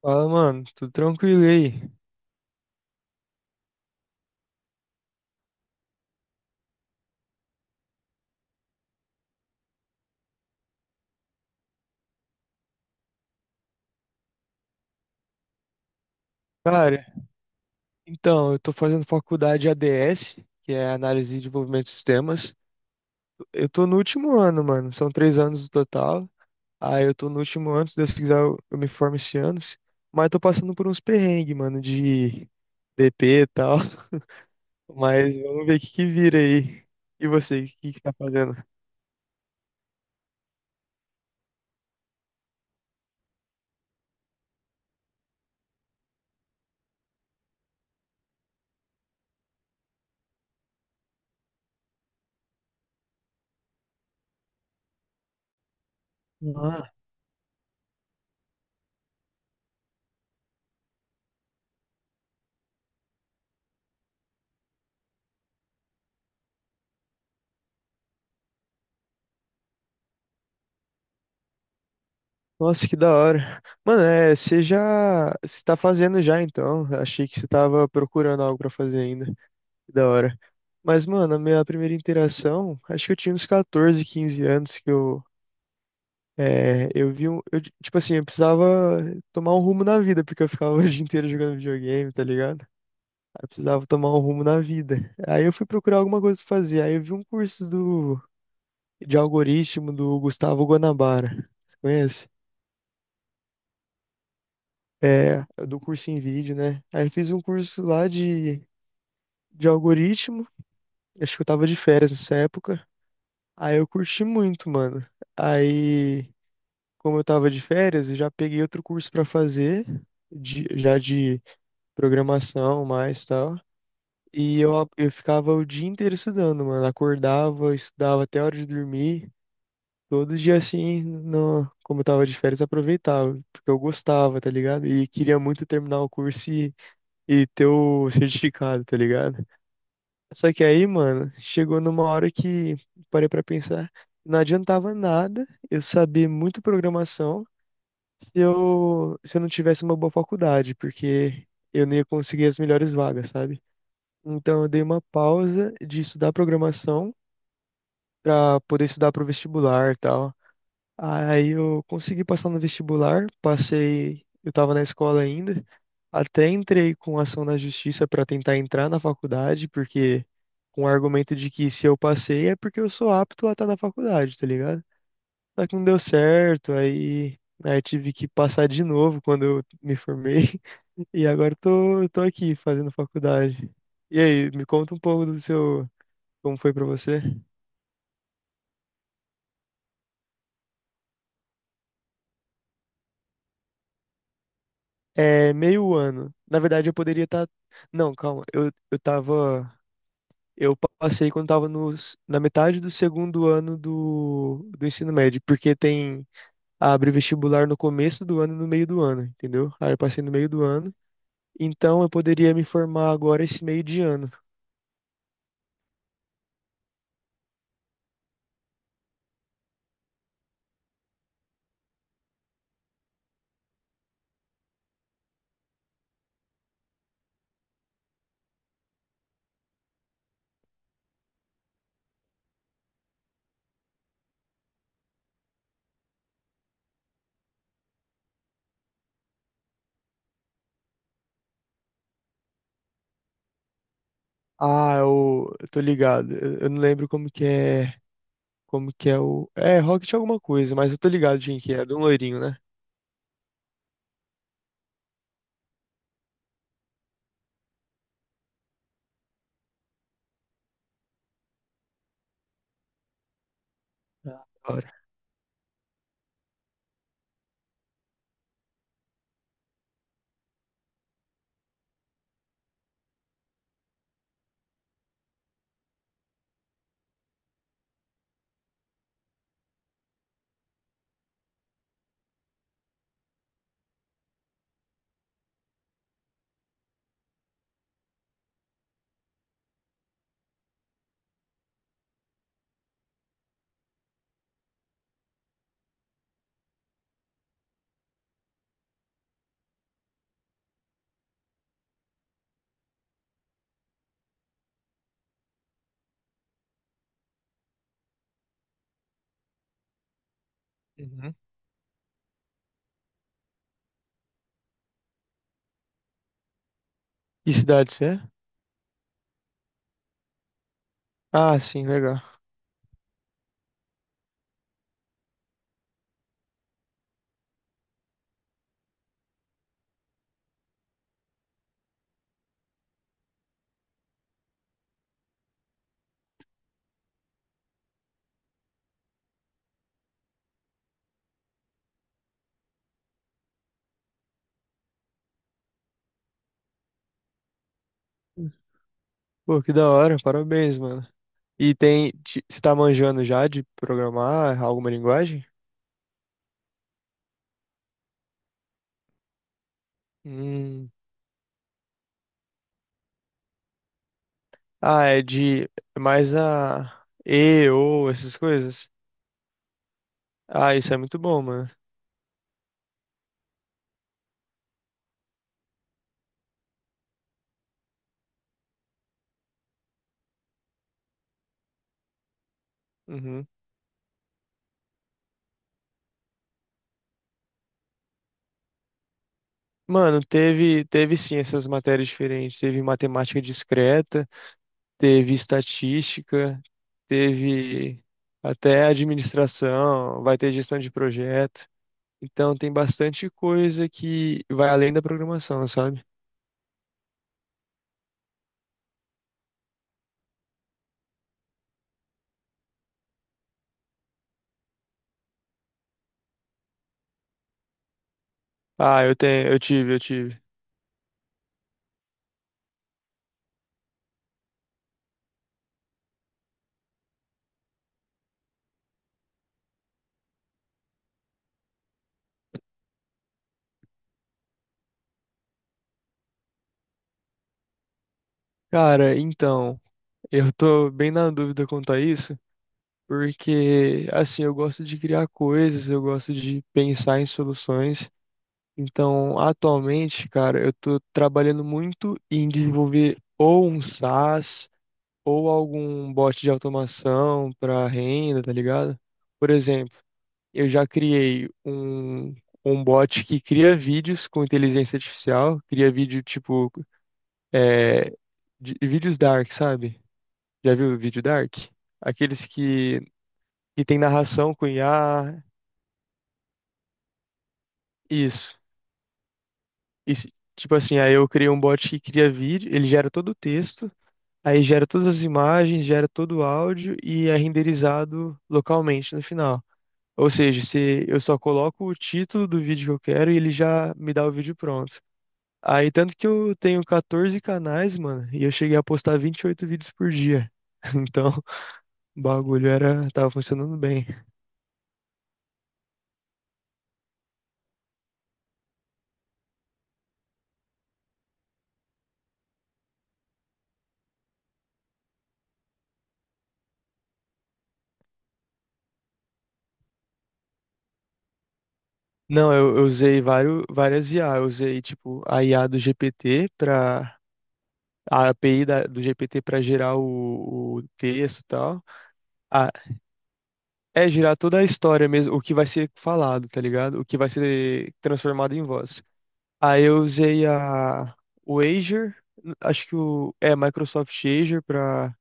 Fala, mano, tudo tranquilo e aí? Cara, então, eu tô fazendo faculdade de ADS, que é Análise e Desenvolvimento de Sistemas. Eu tô no último ano, mano, são 3 anos no total. Aí eu tô no último ano, se Deus quiser eu me formo esse ano. Mas tô passando por uns perrengues, mano, de DP e tal. Mas vamos ver o que que vira aí. E você, o que que tá fazendo? Ah, nossa, que da hora. Mano, é, você tá fazendo já então? Achei que você tava procurando algo pra fazer ainda. Que da hora. Mas, mano, a minha primeira interação, acho que eu tinha uns 14, 15 anos que eu tipo assim, eu precisava tomar um rumo na vida, porque eu ficava o dia inteiro jogando videogame, tá ligado? Aí eu precisava tomar um rumo na vida. Aí eu fui procurar alguma coisa pra fazer. Aí eu vi um curso de algoritmo do Gustavo Guanabara. Você conhece? É, do curso em vídeo, né? Aí eu fiz um curso lá de algoritmo. Acho que eu tava de férias nessa época. Aí eu curti muito, mano. Aí, como eu tava de férias, eu já peguei outro curso pra fazer, já de programação mais tal. E eu ficava o dia inteiro estudando, mano. Acordava, estudava até a hora de dormir. Todo dia assim, no, como eu tava de férias, eu aproveitava, porque eu gostava, tá ligado? E queria muito terminar o curso e ter o certificado, tá ligado? Só que aí, mano, chegou numa hora que parei pra pensar, não adiantava nada eu saber muito programação se eu não tivesse uma boa faculdade, porque eu não ia conseguir as melhores vagas, sabe? Então eu dei uma pausa de estudar programação pra poder estudar pro vestibular e tal. Aí eu consegui passar no vestibular, passei, eu estava na escola ainda, até entrei com ação na justiça para tentar entrar na faculdade, porque com o argumento de que se eu passei é porque eu sou apto a estar na faculdade, tá ligado? Só que não deu certo, aí tive que passar de novo quando eu me formei, e agora eu tô aqui fazendo faculdade. E aí, me conta um pouco do seu, como foi para você? É, meio ano. Na verdade, eu poderia estar. Não, calma. Eu tava. Eu passei quando tava no, s- na metade do segundo ano do ensino médio, porque tem. Abre vestibular no começo do ano e no meio do ano, entendeu? Aí eu passei no meio do ano. Então eu poderia me formar agora esse meio de ano. Ah, eu tô ligado. Eu não lembro como que é. Como que é o. É, Rocket alguma coisa, mas eu tô ligado de quem que é. De um loirinho, né? Ah, da hora. Uhum. Que cidade você é? Ah, sim, legal. Pô, que da hora, parabéns, mano. E você tá manjando já de programar alguma linguagem? Hum. Ah, é de é mais a E, ou essas coisas. Ah, isso é muito bom, mano. Uhum. Mano, teve sim essas matérias diferentes. Teve matemática discreta, teve estatística, teve até administração, vai ter gestão de projeto. Então tem bastante coisa que vai além da programação, sabe? Ah, eu tenho, eu tive. Cara, então, eu tô bem na dúvida quanto a isso, porque assim, eu gosto de criar coisas, eu gosto de pensar em soluções. Então, atualmente, cara, eu tô trabalhando muito em desenvolver ou um SaaS ou algum bot de automação para renda, tá ligado? Por exemplo, eu já criei um bot que cria vídeos com inteligência artificial, cria vídeo tipo eh, vídeos dark, sabe? Já viu o vídeo dark? Aqueles que tem narração com IA. Isso. Isso. Tipo assim, aí eu criei um bot que cria vídeo, ele gera todo o texto, aí gera todas as imagens, gera todo o áudio e é renderizado localmente no final. Ou seja, se eu só coloco o título do vídeo que eu quero e ele já me dá o vídeo pronto. Aí, tanto que eu tenho 14 canais, mano, e eu cheguei a postar 28 vídeos por dia. Então, o bagulho era, tava funcionando bem. Não, eu usei vários, várias IA. Eu usei, tipo, a IA do GPT para a API do GPT para gerar o texto e tal. Ah, é gerar toda a história mesmo, o que vai ser falado, tá ligado? O que vai ser transformado em voz. Aí eu usei a o Azure, acho que o é Microsoft Azure para.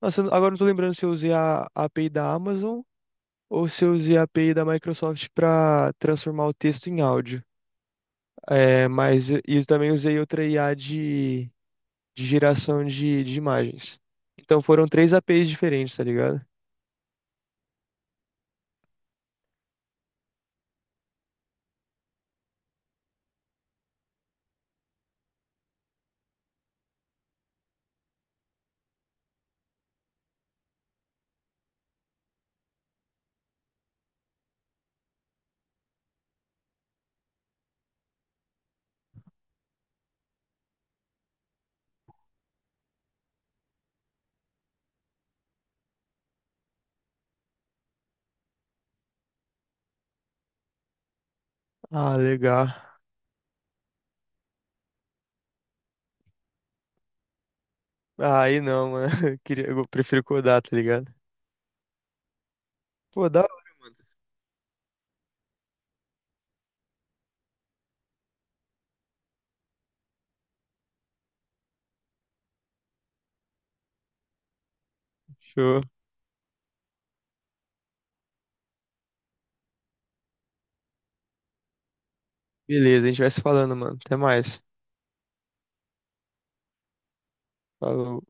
Nossa, agora eu não tô lembrando se eu usei a API da Amazon ou se eu usei a API da Microsoft para transformar o texto em áudio. É, mas eu também usei outra IA de geração de imagens. Então foram três APIs diferentes, tá ligado? Ah, legal. Ah, aí não, mano. Eu queria, eu prefiro codar, tá ligado? Pô, da hora, mano. Show. Beleza, a gente vai se falando, mano. Até mais. Falou.